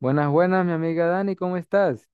Buenas, buenas, mi amiga Dani, ¿cómo estás?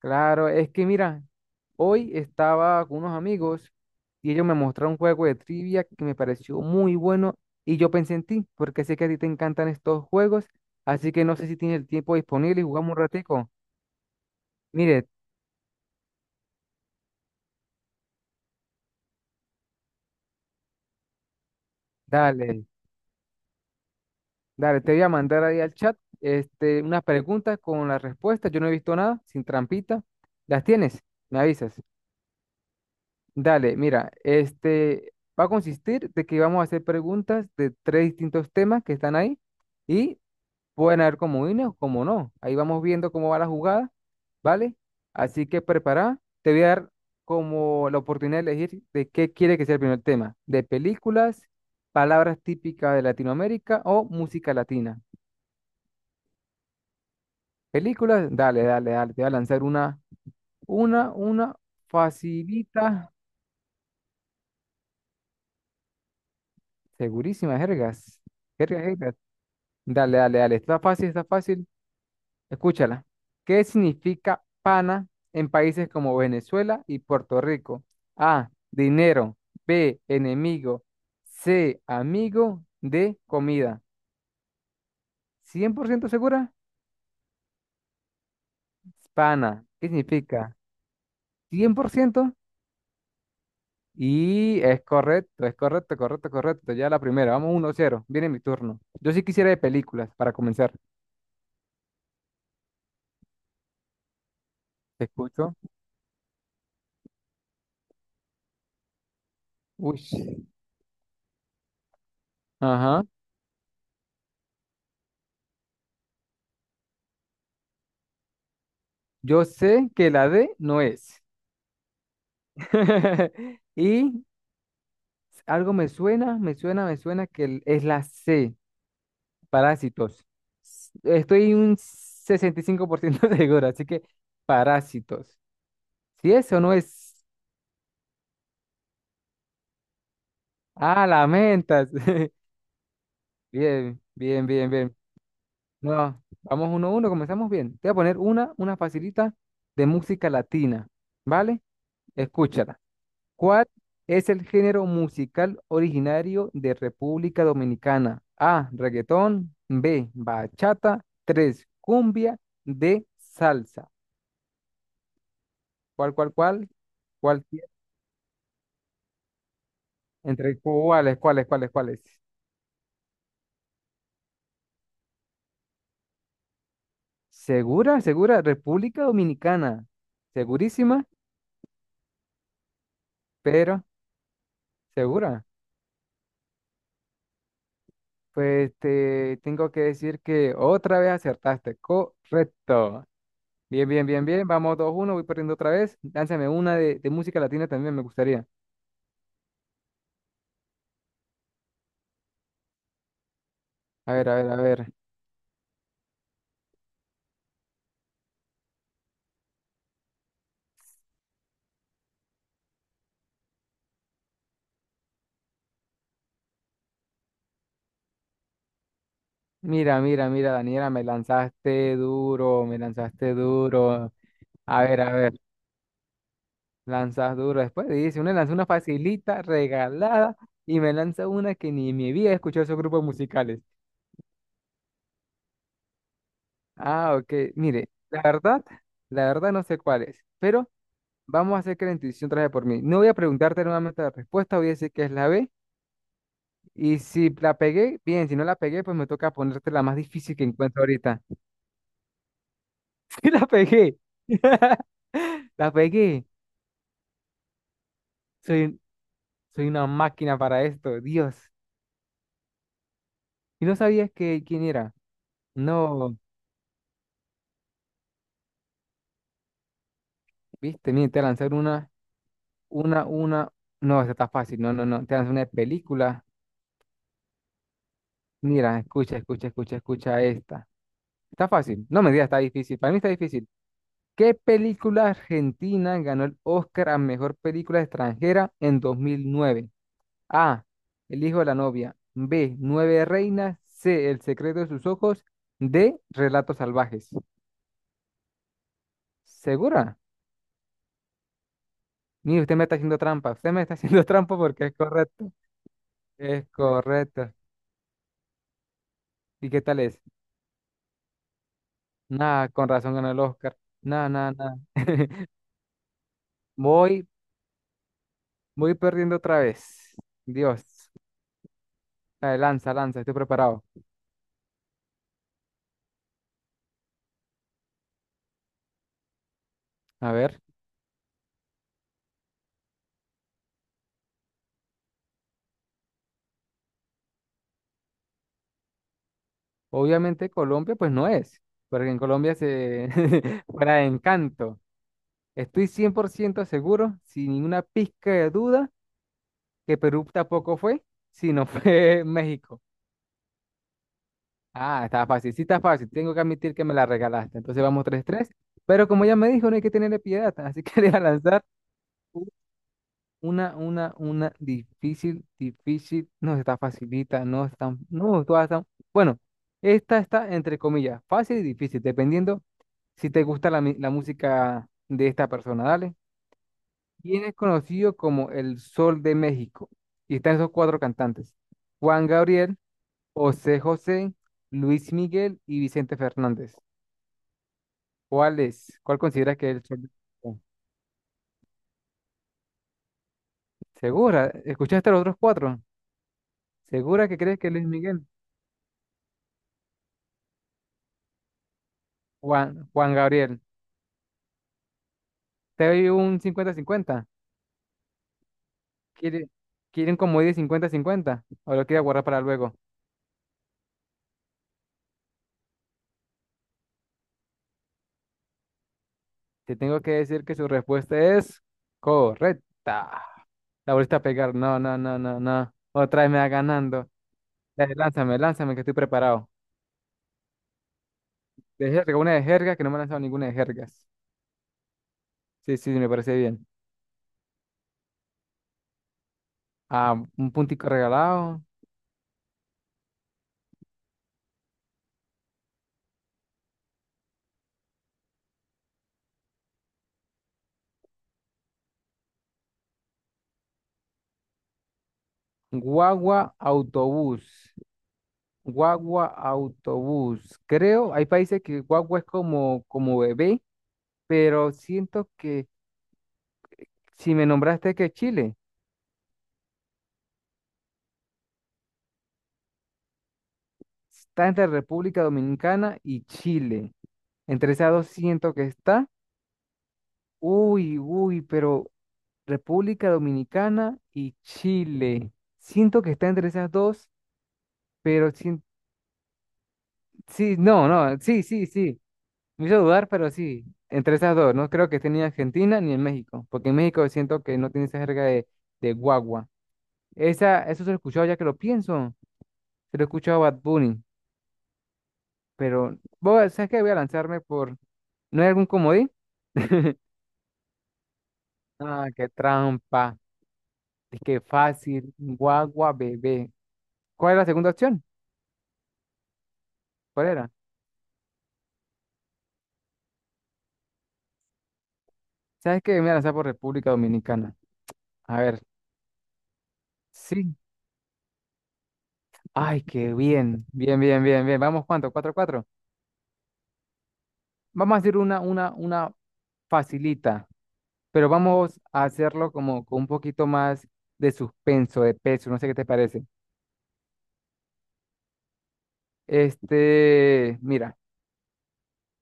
Claro, es que mira, hoy estaba con unos amigos y ellos me mostraron un juego de trivia que me pareció muy bueno y yo pensé en ti, porque sé que a ti te encantan estos juegos, así que no sé si tienes el tiempo disponible y jugamos un ratico. Mire, dale, te voy a mandar ahí al chat este, unas preguntas con las respuestas, yo no he visto nada, sin trampita. ¿Las tienes? Me avisas. Dale, mira, este va a consistir de que vamos a hacer preguntas de tres distintos temas que están ahí y pueden haber comodines o como no. Ahí vamos viendo cómo va la jugada, ¿vale? Así que prepara, te voy a dar como la oportunidad de elegir de qué quiere que sea el primer tema, de películas, palabras típicas de Latinoamérica o música latina. Películas, dale, dale, te voy a lanzar una, una facilita, segurísima, jergas. Dale, dale, dale. Está fácil, está fácil. Escúchala. ¿Qué significa pana en países como Venezuela y Puerto Rico? A, dinero. B, enemigo. C, amigo. D, comida. ¿Cien por ciento segura? Pana. ¿Qué significa? 100%. Y es correcto, correcto, correcto. Ya la primera. Vamos uno cero. Viene mi turno. Yo sí quisiera de películas para comenzar. Te escucho. Uy. Ajá. Yo sé que la D no es. Y algo me suena, me suena que es la C, parásitos. Estoy un 65% seguro, así que parásitos. Si eso no es... Ah, lamentas. Bien, bien, bien, bien. No, vamos uno a uno, comenzamos bien. Te voy a poner una, facilita de música latina, ¿vale? Escúchala. ¿Cuál es el género musical originario de República Dominicana? A, reggaetón. B, bachata. Tres, cumbia. D, salsa. ¿Cuál, cuál? ¿Cuál? ¿Entre cuáles, cuáles? ¿Segura, segura? República Dominicana. ¿Segurísima? Pero, ¿segura? Pues te tengo que decir que otra vez acertaste. Correcto. Bien, bien, bien, bien. Vamos 2 uno, voy perdiendo otra vez. Lánzame una de música latina también, me gustaría. A ver, a ver, a ver. Mira, Daniela, me lanzaste duro, me lanzaste duro. A ver, lanzas duro. Después dice, una lanza una facilita, regalada, y me lanza una que ni me había escuchado esos grupos musicales. Ah, ok. Mire, la verdad, no sé cuál es, pero vamos a hacer que la intuición traje por mí. No voy a preguntarte nuevamente la respuesta, voy a decir que es la B. Y si la pegué, bien, si no la pegué, pues me toca ponerte la más difícil que encuentro ahorita. Sí, la pegué. La pegué. Soy, un- soy una máquina para esto, Dios. Y no sabías que quién era. No, viste, mira, te lanzar una, una. No, esta está fácil. No, no, no. Te lanzo una de película. Mira, escucha, esta. Está fácil. No me digas, está difícil. Para mí está difícil. ¿Qué película argentina ganó el Oscar a mejor película extranjera en 2009? A. El hijo de la novia. B. Nueve reinas. C. El secreto de sus ojos. D. Relatos salvajes. ¿Segura? Mire, usted me está haciendo trampa. Usted me está haciendo trampa porque es correcto. Es correcto. ¿Y qué tal es? Nada, con razón ganó el Oscar. Nada, nada, nada. Voy, perdiendo otra vez. Dios. Dale, lanza, lanza, estoy preparado. A ver, obviamente Colombia pues no es, porque en Colombia se fuera de encanto. Estoy 100% seguro, sin ninguna pizca de duda, que Perú tampoco fue, sino fue México. Ah, está fácil, sí está fácil. Tengo que admitir que me la regalaste. Entonces vamos tres tres. Pero como ya me dijo, no hay que tenerle piedad. Así que le voy a lanzar u- una, una difícil, difícil. No está facilita, no es tan, no, todas están. Bueno, esta está entre comillas, fácil y difícil, dependiendo si te gusta la, la música de esta persona. Dale, bien es conocido como el Sol de México. Y están esos cuatro cantantes. Juan Gabriel, José José, Luis Miguel y Vicente Fernández. ¿Cuál es? ¿Cuál consideras que es el Sol de México? ¿Segura? ¿Escuchaste a los otros cuatro? ¿Segura que crees que es Luis Miguel? Juan Gabriel. ¿Te doy un cincuenta-cincuenta? ¿Quiere- Quieren como 10 cincuenta-cincuenta? ¿O lo quiere guardar para luego? Te tengo que decir que su respuesta es correcta. La volviste a pegar. No, no, no, no, no. Otra vez me va ganando. Dale, lánzame, lánzame, que estoy preparado. De jerga, una de jerga, que no me ha lanzado ninguna de jergas. Sí, sí, me parece bien. Ah, un puntico regalado. Guagua, autobús. Guagua, autobús. Creo, hay países que guagua es como, bebé, pero siento que si me nombraste que Chile, está entre República Dominicana y Chile. Entre esas dos siento que está. Uy, uy, pero República Dominicana y Chile. Siento que está entre esas dos, pero sí, sí, no, no, sí, sí, sí. Me hizo dudar, pero sí, entre esas dos. No creo que esté ni en Argentina ni en México, porque en México siento que no tiene esa jerga de guagua. Esa, eso se lo he escuchado ya que lo pienso. Se lo he escuchado a Bad Bunny, pero ¿sabes qué? Voy a lanzarme por... ¿No hay algún comodín? Ah, qué trampa. Es que fácil. Guagua, bebé. ¿Cuál es la segunda opción? ¿Cuál era? ¿Sabes qué? Me voy a lanzar por República Dominicana. A ver, sí. Ay, qué bien. Bien, bien, bien, bien. Vamos, ¿cuánto? ¿Cuatro, cuatro? Vamos a hacer una, una facilita, pero vamos a hacerlo como con un poquito más de suspenso, de peso. No sé qué te parece. Este, mira,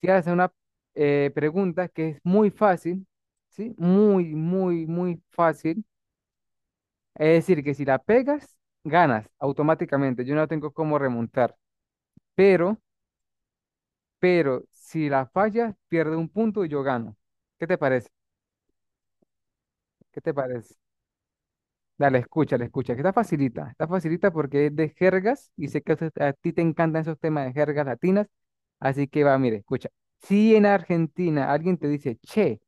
te voy a hacer una pregunta que es muy fácil, ¿sí? Muy, muy, muy fácil. Es decir, que si la pegas, ganas automáticamente. Yo no tengo cómo remontar, pero si la fallas, pierde un punto y yo gano. ¿Qué te parece? ¿Qué te parece? Dale, escucha, le escucha. Que está facilita porque es de jergas y sé que a a ti te encantan esos temas de jergas latinas. Así que va, mire, escucha. Si en Argentina alguien te dice, che,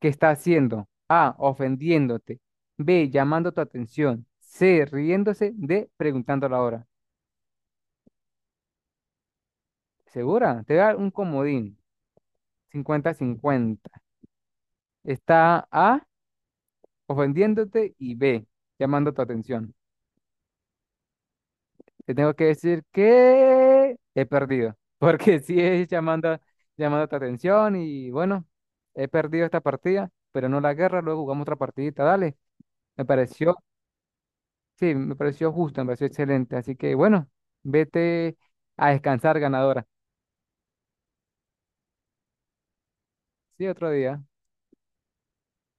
¿qué está haciendo? A, ofendiéndote. B, llamando tu atención. C, riéndose. D, preguntando la hora. ¿Segura? Te da un comodín. Cincuenta cincuenta. Está A, ofendiéndote y B, llamando tu atención. Te tengo que decir que he perdido, porque sí es llamando, llamando tu atención y bueno, he perdido esta partida, pero no la guerra, luego jugamos otra partidita, dale. Me pareció, sí, me pareció justo, me pareció excelente, así que bueno, vete a descansar, ganadora. Sí, otro día.